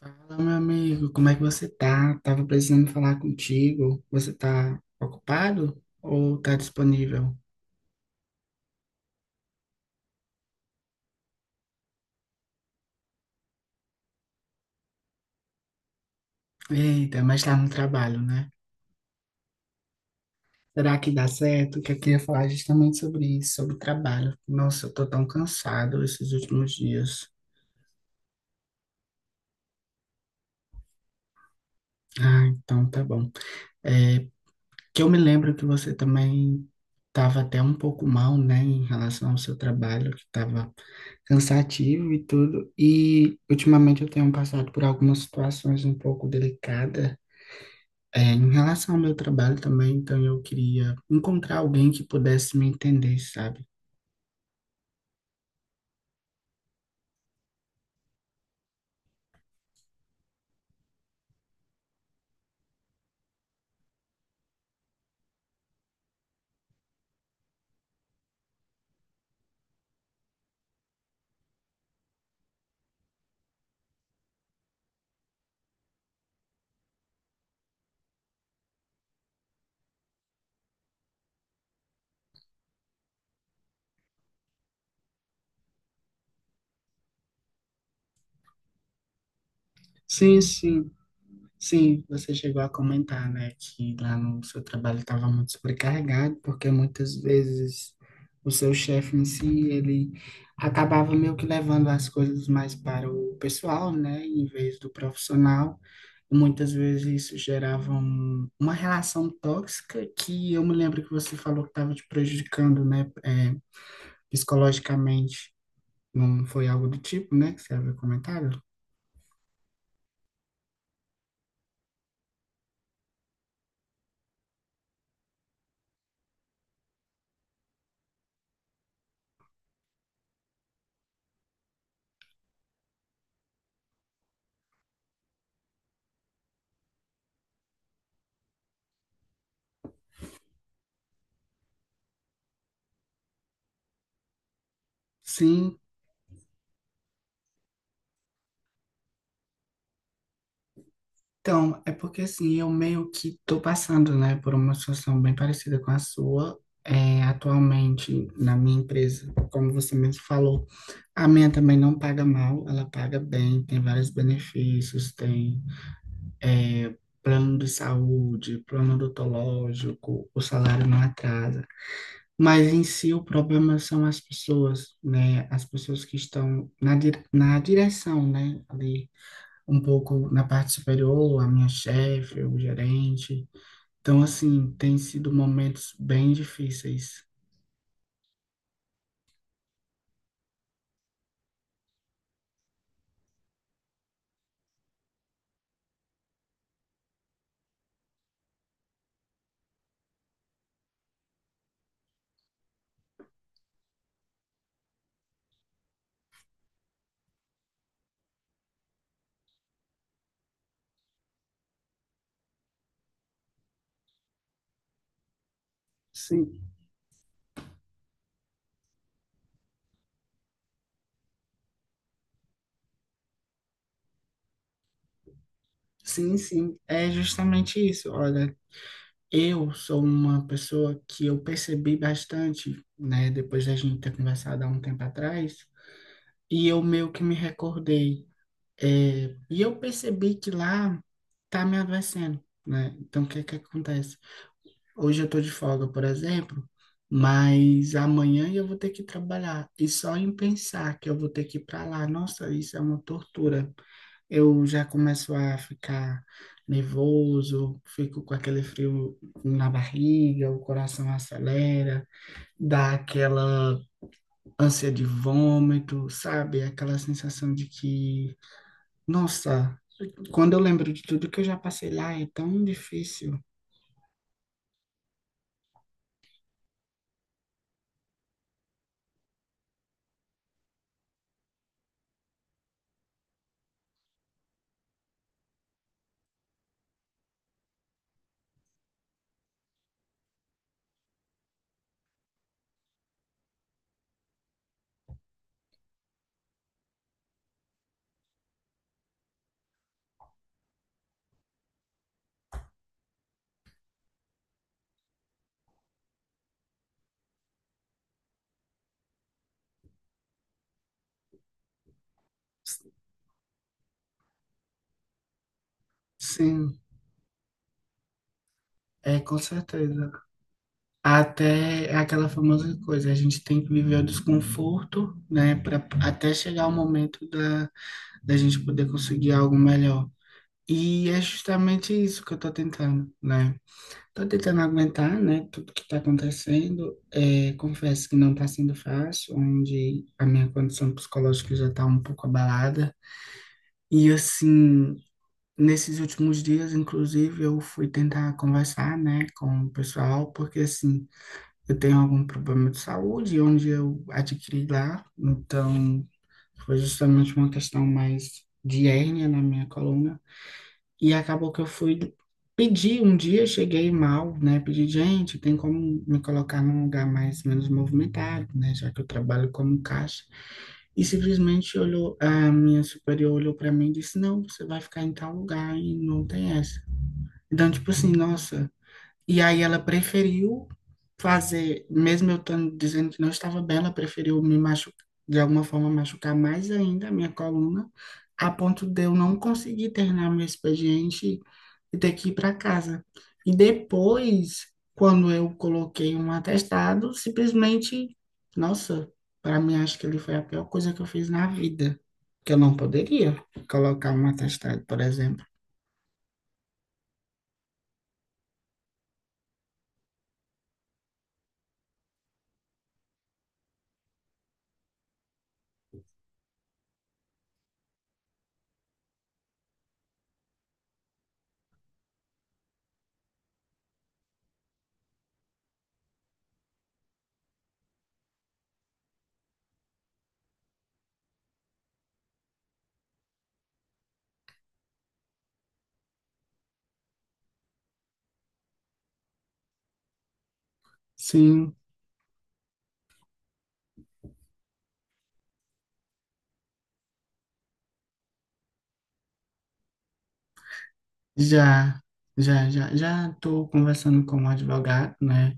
Fala, meu amigo, como é que você tá? Tava precisando falar contigo. Você tá ocupado ou tá disponível? Eita, mas tá no trabalho, né? Será que dá certo? Que eu queria falar justamente sobre isso, sobre trabalho. Nossa, eu tô tão cansado esses últimos dias. Ah, então tá bom. É, Que eu me lembro que você também estava até um pouco mal, né, em relação ao seu trabalho, que estava cansativo e tudo. E ultimamente eu tenho passado por algumas situações um pouco delicadas, em relação ao meu trabalho também. Então eu queria encontrar alguém que pudesse me entender, sabe? Sim, sim. Sim, você chegou a comentar, né, que lá no seu trabalho estava muito sobrecarregado, porque muitas vezes o seu chefe em si, ele acabava meio que levando as coisas mais para o pessoal, né, em vez do profissional. E muitas vezes isso gerava uma relação tóxica que eu me lembro que você falou que estava te prejudicando, né, psicologicamente. Não foi algo do tipo, né, que você havia comentado? Sim. Então, é porque assim, eu meio que tô passando, né, por uma situação bem parecida com a sua, atualmente na minha empresa. Como você mesmo falou, a minha também não paga mal, ela paga bem, tem vários benefícios, tem, é, plano de saúde, plano odontológico, o salário não atrasa. Mas em si o problema são as pessoas, né, as pessoas que estão na, na direção, né, ali um pouco na parte superior, a minha chefe, o gerente. Então, assim, tem sido momentos bem difíceis. Sim, sim, sim. É justamente isso. Olha, eu sou uma pessoa que eu percebi bastante, né, depois da gente ter conversado há um tempo atrás, e eu meio que me recordei. E eu percebi que lá tá me adoecendo, né? Então, o que é que acontece? Hoje eu estou de folga, por exemplo, mas amanhã eu vou ter que trabalhar. E só em pensar que eu vou ter que ir para lá, nossa, isso é uma tortura. Eu já começo a ficar nervoso, fico com aquele frio na barriga, o coração acelera, dá aquela ânsia de vômito, sabe? Aquela sensação de que, nossa, quando eu lembro de tudo que eu já passei lá, é tão difícil. Sim, é com certeza. Até é aquela famosa coisa, a gente tem que viver o desconforto, né, para até chegar o momento da, da gente poder conseguir algo melhor. E é justamente isso que eu tô tentando, né? Tô tentando aguentar, né, tudo que tá acontecendo. É, confesso que não tá sendo fácil, onde a minha condição psicológica já tá um pouco abalada. E assim, nesses últimos dias, inclusive, eu fui tentar conversar, né, com o pessoal, porque assim, eu tenho algum problema de saúde, onde eu adquiri lá. Então, foi justamente uma questão mais de hérnia na minha coluna. E acabou que eu fui pedir um dia, cheguei mal, né? Pedi, gente, tem como me colocar num lugar mais menos movimentado, né? Já que eu trabalho como caixa. E simplesmente olhou, a minha superior olhou para mim e disse: não, você vai ficar em tal lugar e não tem essa. Então, tipo assim, nossa. E aí ela preferiu fazer, mesmo eu estando dizendo que não estava bem, ela preferiu me machucar, de alguma forma machucar mais ainda a minha coluna, a ponto de eu não conseguir terminar meu expediente e ter que ir para casa. E depois, quando eu coloquei um atestado, simplesmente, nossa, para mim acho que ele foi a pior coisa que eu fiz na vida, que eu não poderia colocar um atestado, por exemplo. Sim. Já, já, estou conversando com um advogado, né,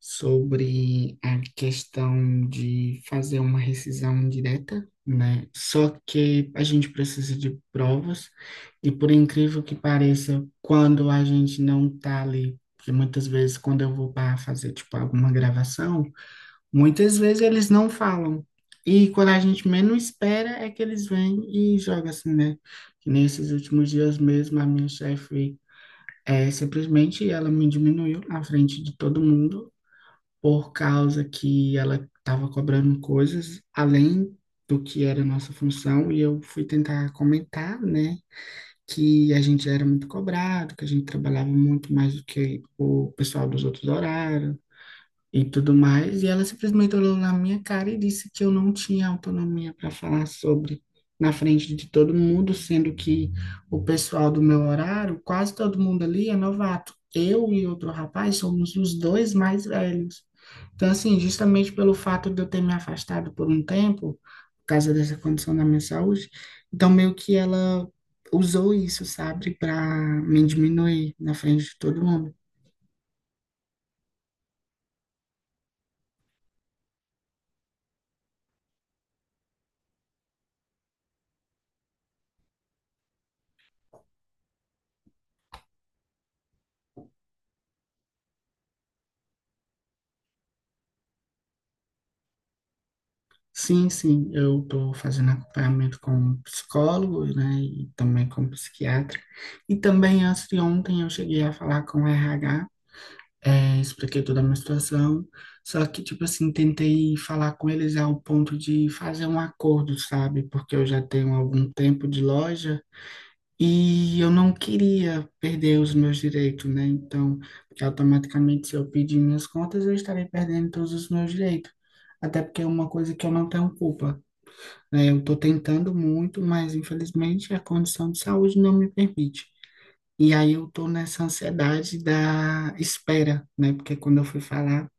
sobre a questão de fazer uma rescisão direta, né? Só que a gente precisa de provas e por incrível que pareça, quando a gente não está ali, porque muitas vezes quando eu vou para fazer tipo alguma gravação, muitas vezes eles não falam. E quando a gente menos espera é que eles vêm e jogam assim, né? Que nesses últimos dias mesmo, a minha chefe simplesmente ela me diminuiu na frente de todo mundo por causa que ela estava cobrando coisas além do que era nossa função e eu fui tentar comentar, né, que a gente era muito cobrado, que a gente trabalhava muito mais do que o pessoal dos outros horários, e tudo mais, e ela simplesmente olhou na minha cara e disse que eu não tinha autonomia para falar sobre na frente de todo mundo, sendo que o pessoal do meu horário, quase todo mundo ali é novato. Eu e outro rapaz somos os dois mais velhos. Então, assim, justamente pelo fato de eu ter me afastado por um tempo, por causa dessa condição da minha saúde, então meio que ela usou isso, sabe, para me diminuir na frente de todo mundo. Sim, sim, eu estou fazendo acompanhamento com um psicólogo, né, e também com um psiquiatra. E também antes de ontem eu cheguei a falar com o RH, expliquei toda a minha situação, só que, tipo assim, tentei falar com eles ao ponto de fazer um acordo, sabe? Porque eu já tenho algum tempo de loja e eu não queria perder os meus direitos, né? Então, porque automaticamente, se eu pedir minhas contas, eu estarei perdendo todos os meus direitos. Até porque é uma coisa que eu não tenho culpa. É, eu estou tentando muito, mas infelizmente a condição de saúde não me permite. E aí eu estou nessa ansiedade da espera, né? Porque quando eu fui falar,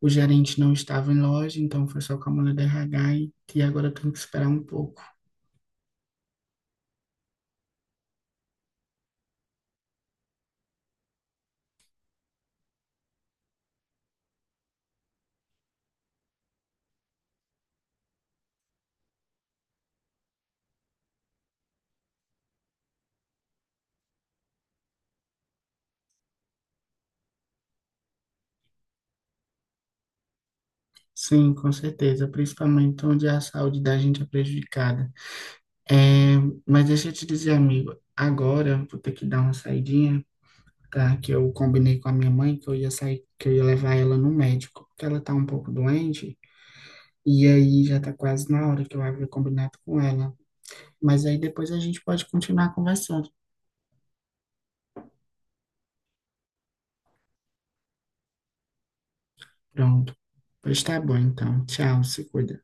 o gerente não estava em loja, então foi só com a mulher do RH e agora eu tenho que esperar um pouco. Sim, com certeza, principalmente onde é a saúde da gente é prejudicada. É, mas deixa eu te dizer, amigo, agora vou ter que dar uma saidinha, tá? Que eu combinei com a minha mãe que eu ia sair, que eu ia levar ela no médico, porque ela tá um pouco doente. E aí já tá quase na hora que eu havia combinado com ela. Mas aí depois a gente pode continuar conversando. Pronto. Pois tá bom, então. Tchau, se cuida.